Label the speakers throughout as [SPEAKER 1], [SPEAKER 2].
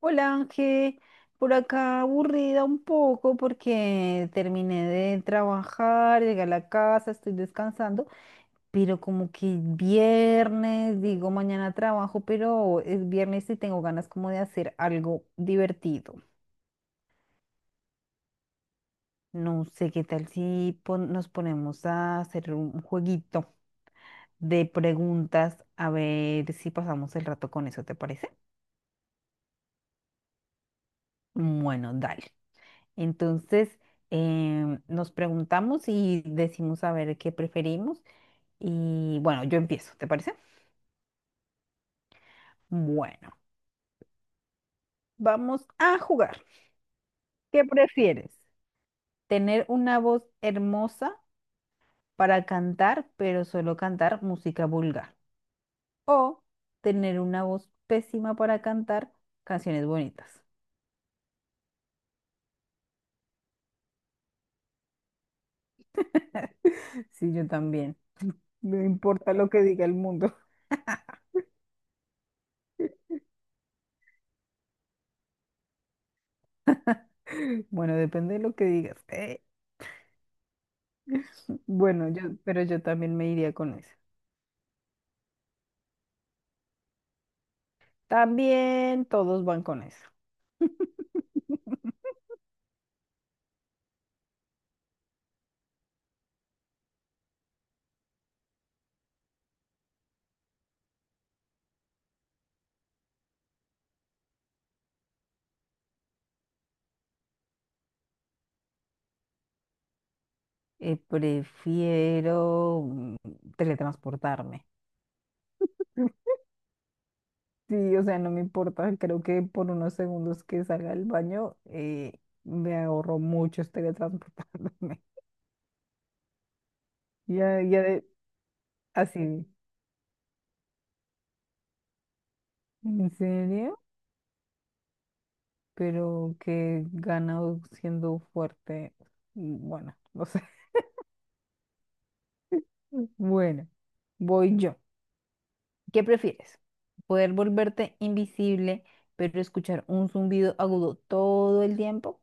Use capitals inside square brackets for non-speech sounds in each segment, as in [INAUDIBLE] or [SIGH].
[SPEAKER 1] Hola Ángel, por acá aburrida un poco porque terminé de trabajar, llegué a la casa, estoy descansando, pero como que viernes, digo mañana trabajo, pero es viernes y tengo ganas como de hacer algo divertido. No sé qué tal si nos ponemos a hacer un jueguito de preguntas, a ver si pasamos el rato con eso, ¿te parece? Bueno, dale. Entonces, nos preguntamos y decimos a ver qué preferimos. Y bueno, yo empiezo, ¿te parece? Bueno, vamos a jugar. ¿Qué prefieres? ¿Tener una voz hermosa para cantar, pero solo cantar música vulgar? ¿O tener una voz pésima para cantar canciones bonitas? [LAUGHS] Sí, yo también. No importa lo que diga el mundo. [LAUGHS] Bueno, depende de lo que digas. Bueno, yo, pero yo también me iría con eso. También todos van con eso. Prefiero teletransportarme. [LAUGHS] Sí, o sea, no me importa. Creo que por unos segundos que salga del baño, me ahorro mucho teletransportándome. [LAUGHS] Ya, ya, así. ¿En serio? Pero que ganado siendo fuerte. Bueno, no sé. [LAUGHS] Bueno, voy yo. ¿Qué prefieres? ¿Poder volverte invisible, pero escuchar un zumbido agudo todo el tiempo?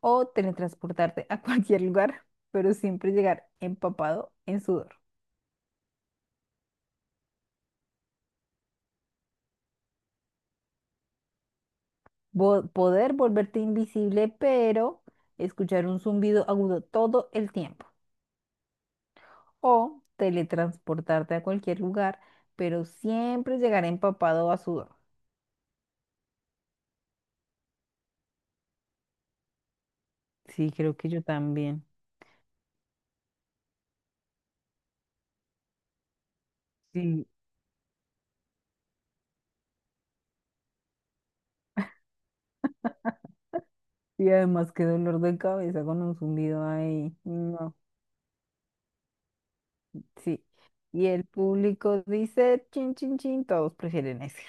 [SPEAKER 1] ¿O teletransportarte a [LAUGHS] cualquier lugar, pero siempre llegar empapado en sudor? Poder volverte invisible, pero escuchar un zumbido agudo todo el tiempo. ¿O teletransportarte a cualquier lugar, pero siempre llegar empapado a sudor? Sí, creo que yo también. Sí. Y además, qué dolor de cabeza con un zumbido ahí. No. Sí. Y el público dice, chin, chin, chin, todos prefieren ese.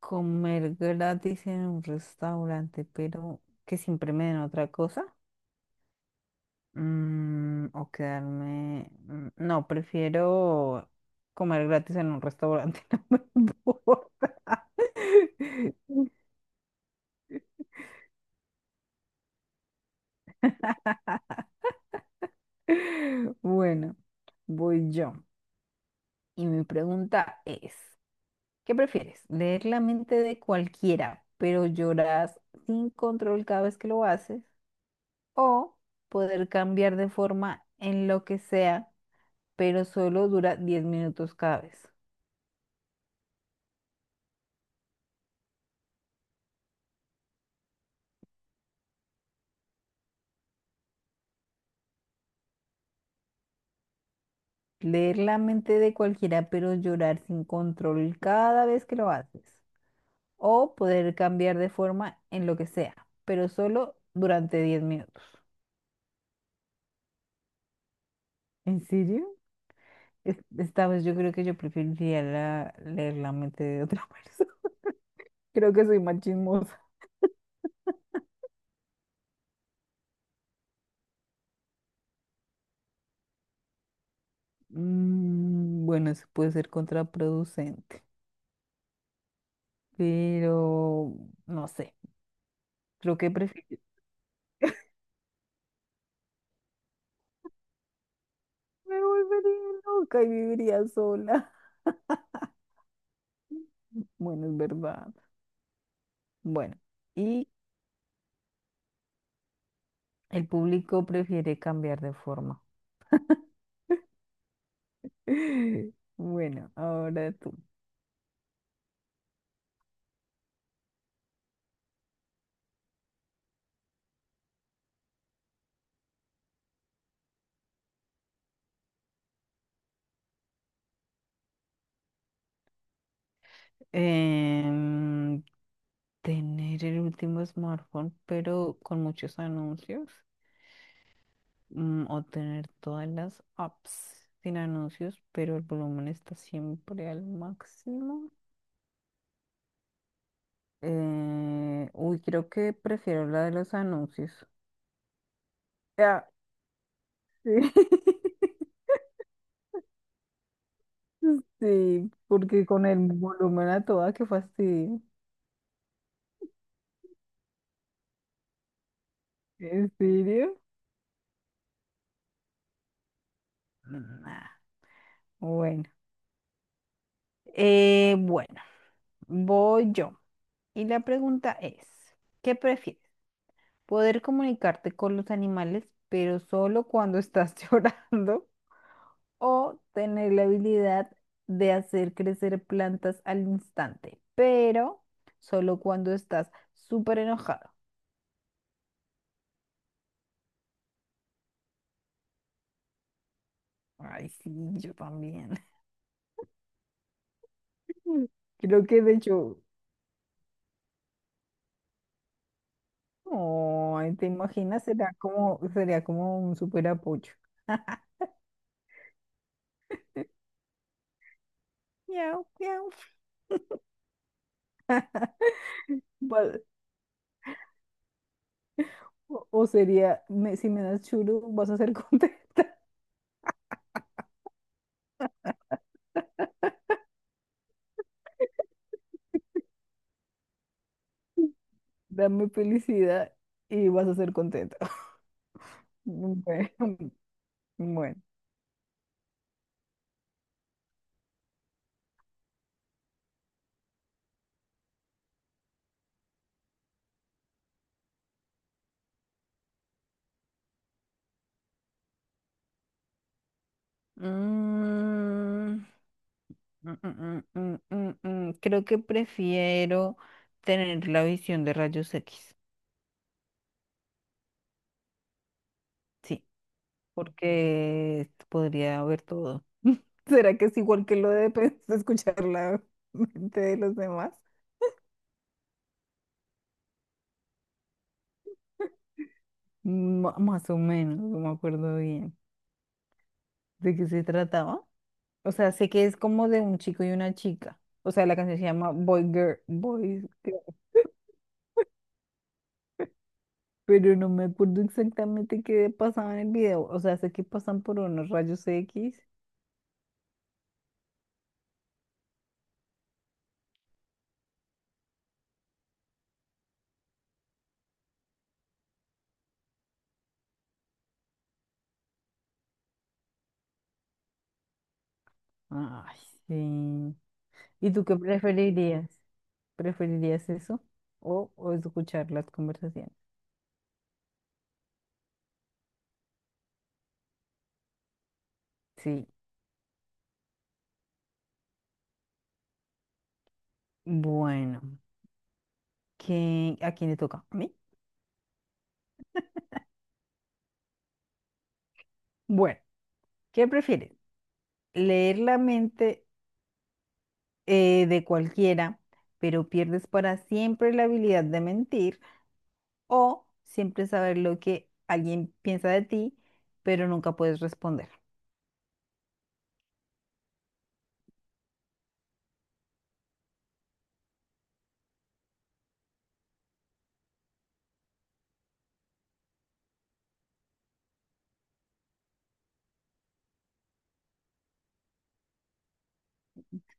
[SPEAKER 1] Comer gratis en un restaurante, pero que siempre me den otra cosa. O quedarme... No, prefiero comer gratis en un restaurante, [LAUGHS] no me importa. [LAUGHS] Bueno, voy yo. Y mi pregunta es... ¿Qué prefieres? ¿Leer la mente de cualquiera, pero lloras sin control cada vez que lo haces? ¿O poder cambiar de forma en lo que sea, pero solo dura 10 minutos cada vez? Leer la mente de cualquiera, pero llorar sin control cada vez que lo haces. O poder cambiar de forma en lo que sea, pero solo durante 10 minutos. ¿En serio? Esta vez yo creo que yo preferiría leer la mente de otra [LAUGHS] persona. Creo que soy machismo. Bueno, eso puede ser contraproducente, pero no sé, creo que prefiero. Me volvería loca y viviría sola. [LAUGHS] Bueno, es verdad. Bueno, y el público prefiere cambiar de forma. [LAUGHS] Bueno, ahora tú. Em, Tener el último smartphone, pero con muchos anuncios. O tener todas las apps sin anuncios, pero el volumen está siempre al máximo. Uy, creo que prefiero la de los anuncios. Ah, sí. [LAUGHS] Sí, porque con el volumen a toda, qué fastidio. ¿En serio? Nah, bueno. Bueno, voy yo. Y la pregunta es, ¿qué prefieres? ¿Poder comunicarte con los animales, pero solo cuando estás [LAUGHS] llorando? ¿O tener la habilidad de hacer crecer plantas al instante, pero solo cuando estás súper enojado? Ay, sí, yo también. [LAUGHS] Creo que de hecho, ay, ¿te imaginas? Será como, sería como un súper apoyo. Miau, miau. Va- o sería, si me das churu, vas a ser contento. [LAUGHS] Dame felicidad y vas a ser contento. [LAUGHS] Bueno. Bueno. Mm, mm. Creo que prefiero tener la visión de rayos X, sí, porque podría ver todo. [LAUGHS] ¿Será que es igual que lo de de [LAUGHS] escuchar la mente de los demás? Más o menos, no me acuerdo bien. ¿De qué se trataba? O sea, sé que es como de un chico y una chica. O sea, la canción se llama Boy Girl, Boy Girl, pero no me acuerdo exactamente qué pasaba en el video. O sea, sé que pasan por unos rayos X. Ay, sí. ¿Y tú qué preferirías? ¿Preferirías eso o escuchar las conversaciones? Sí. Bueno, a quién le toca? ¿A mí? Bueno, ¿qué prefieres? ¿Leer la mente de cualquiera, pero pierdes para siempre la habilidad de mentir? ¿O siempre saber lo que alguien piensa de ti, pero nunca puedes responder?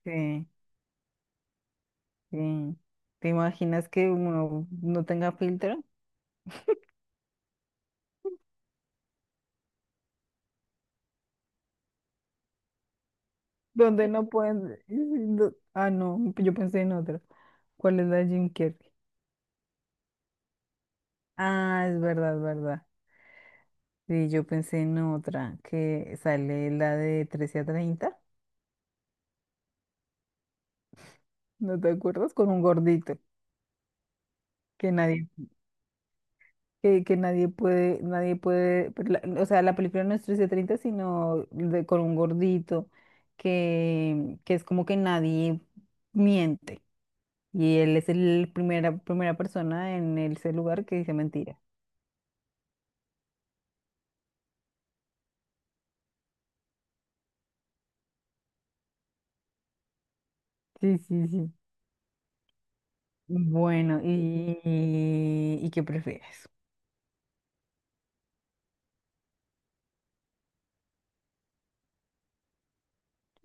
[SPEAKER 1] Sí, sí. ¿Te imaginas que uno no tenga filtro? Donde no pueden... Ah, no, yo pensé en otro. ¿Cuál es la de Jim Carrey? Ah, es verdad, es verdad. Sí, yo pensé en otra, que sale la de 13 a 30. ¿No te acuerdas? Con un gordito, que nadie, que nadie puede, nadie puede, pero o sea, la película no es 13 a 30, sino con un gordito, que es como que nadie miente, y él es el primera persona en ese lugar que dice mentira. Sí, sí, sí. Bueno, ¿y qué prefieres?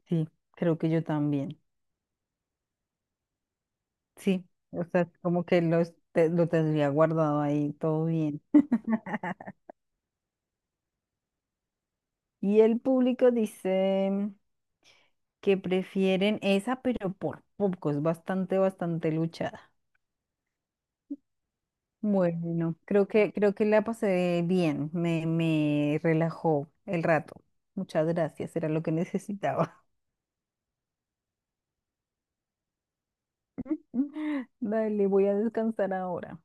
[SPEAKER 1] Sí, creo que yo también. Sí, o sea, como que lo tendría guardado ahí, todo bien. Y el público dice que prefieren esa, pero por poco, es bastante, bastante luchada. Bueno, creo que la pasé bien, me relajó el rato. Muchas gracias, era lo que necesitaba. [LAUGHS] Dale, voy a descansar ahora.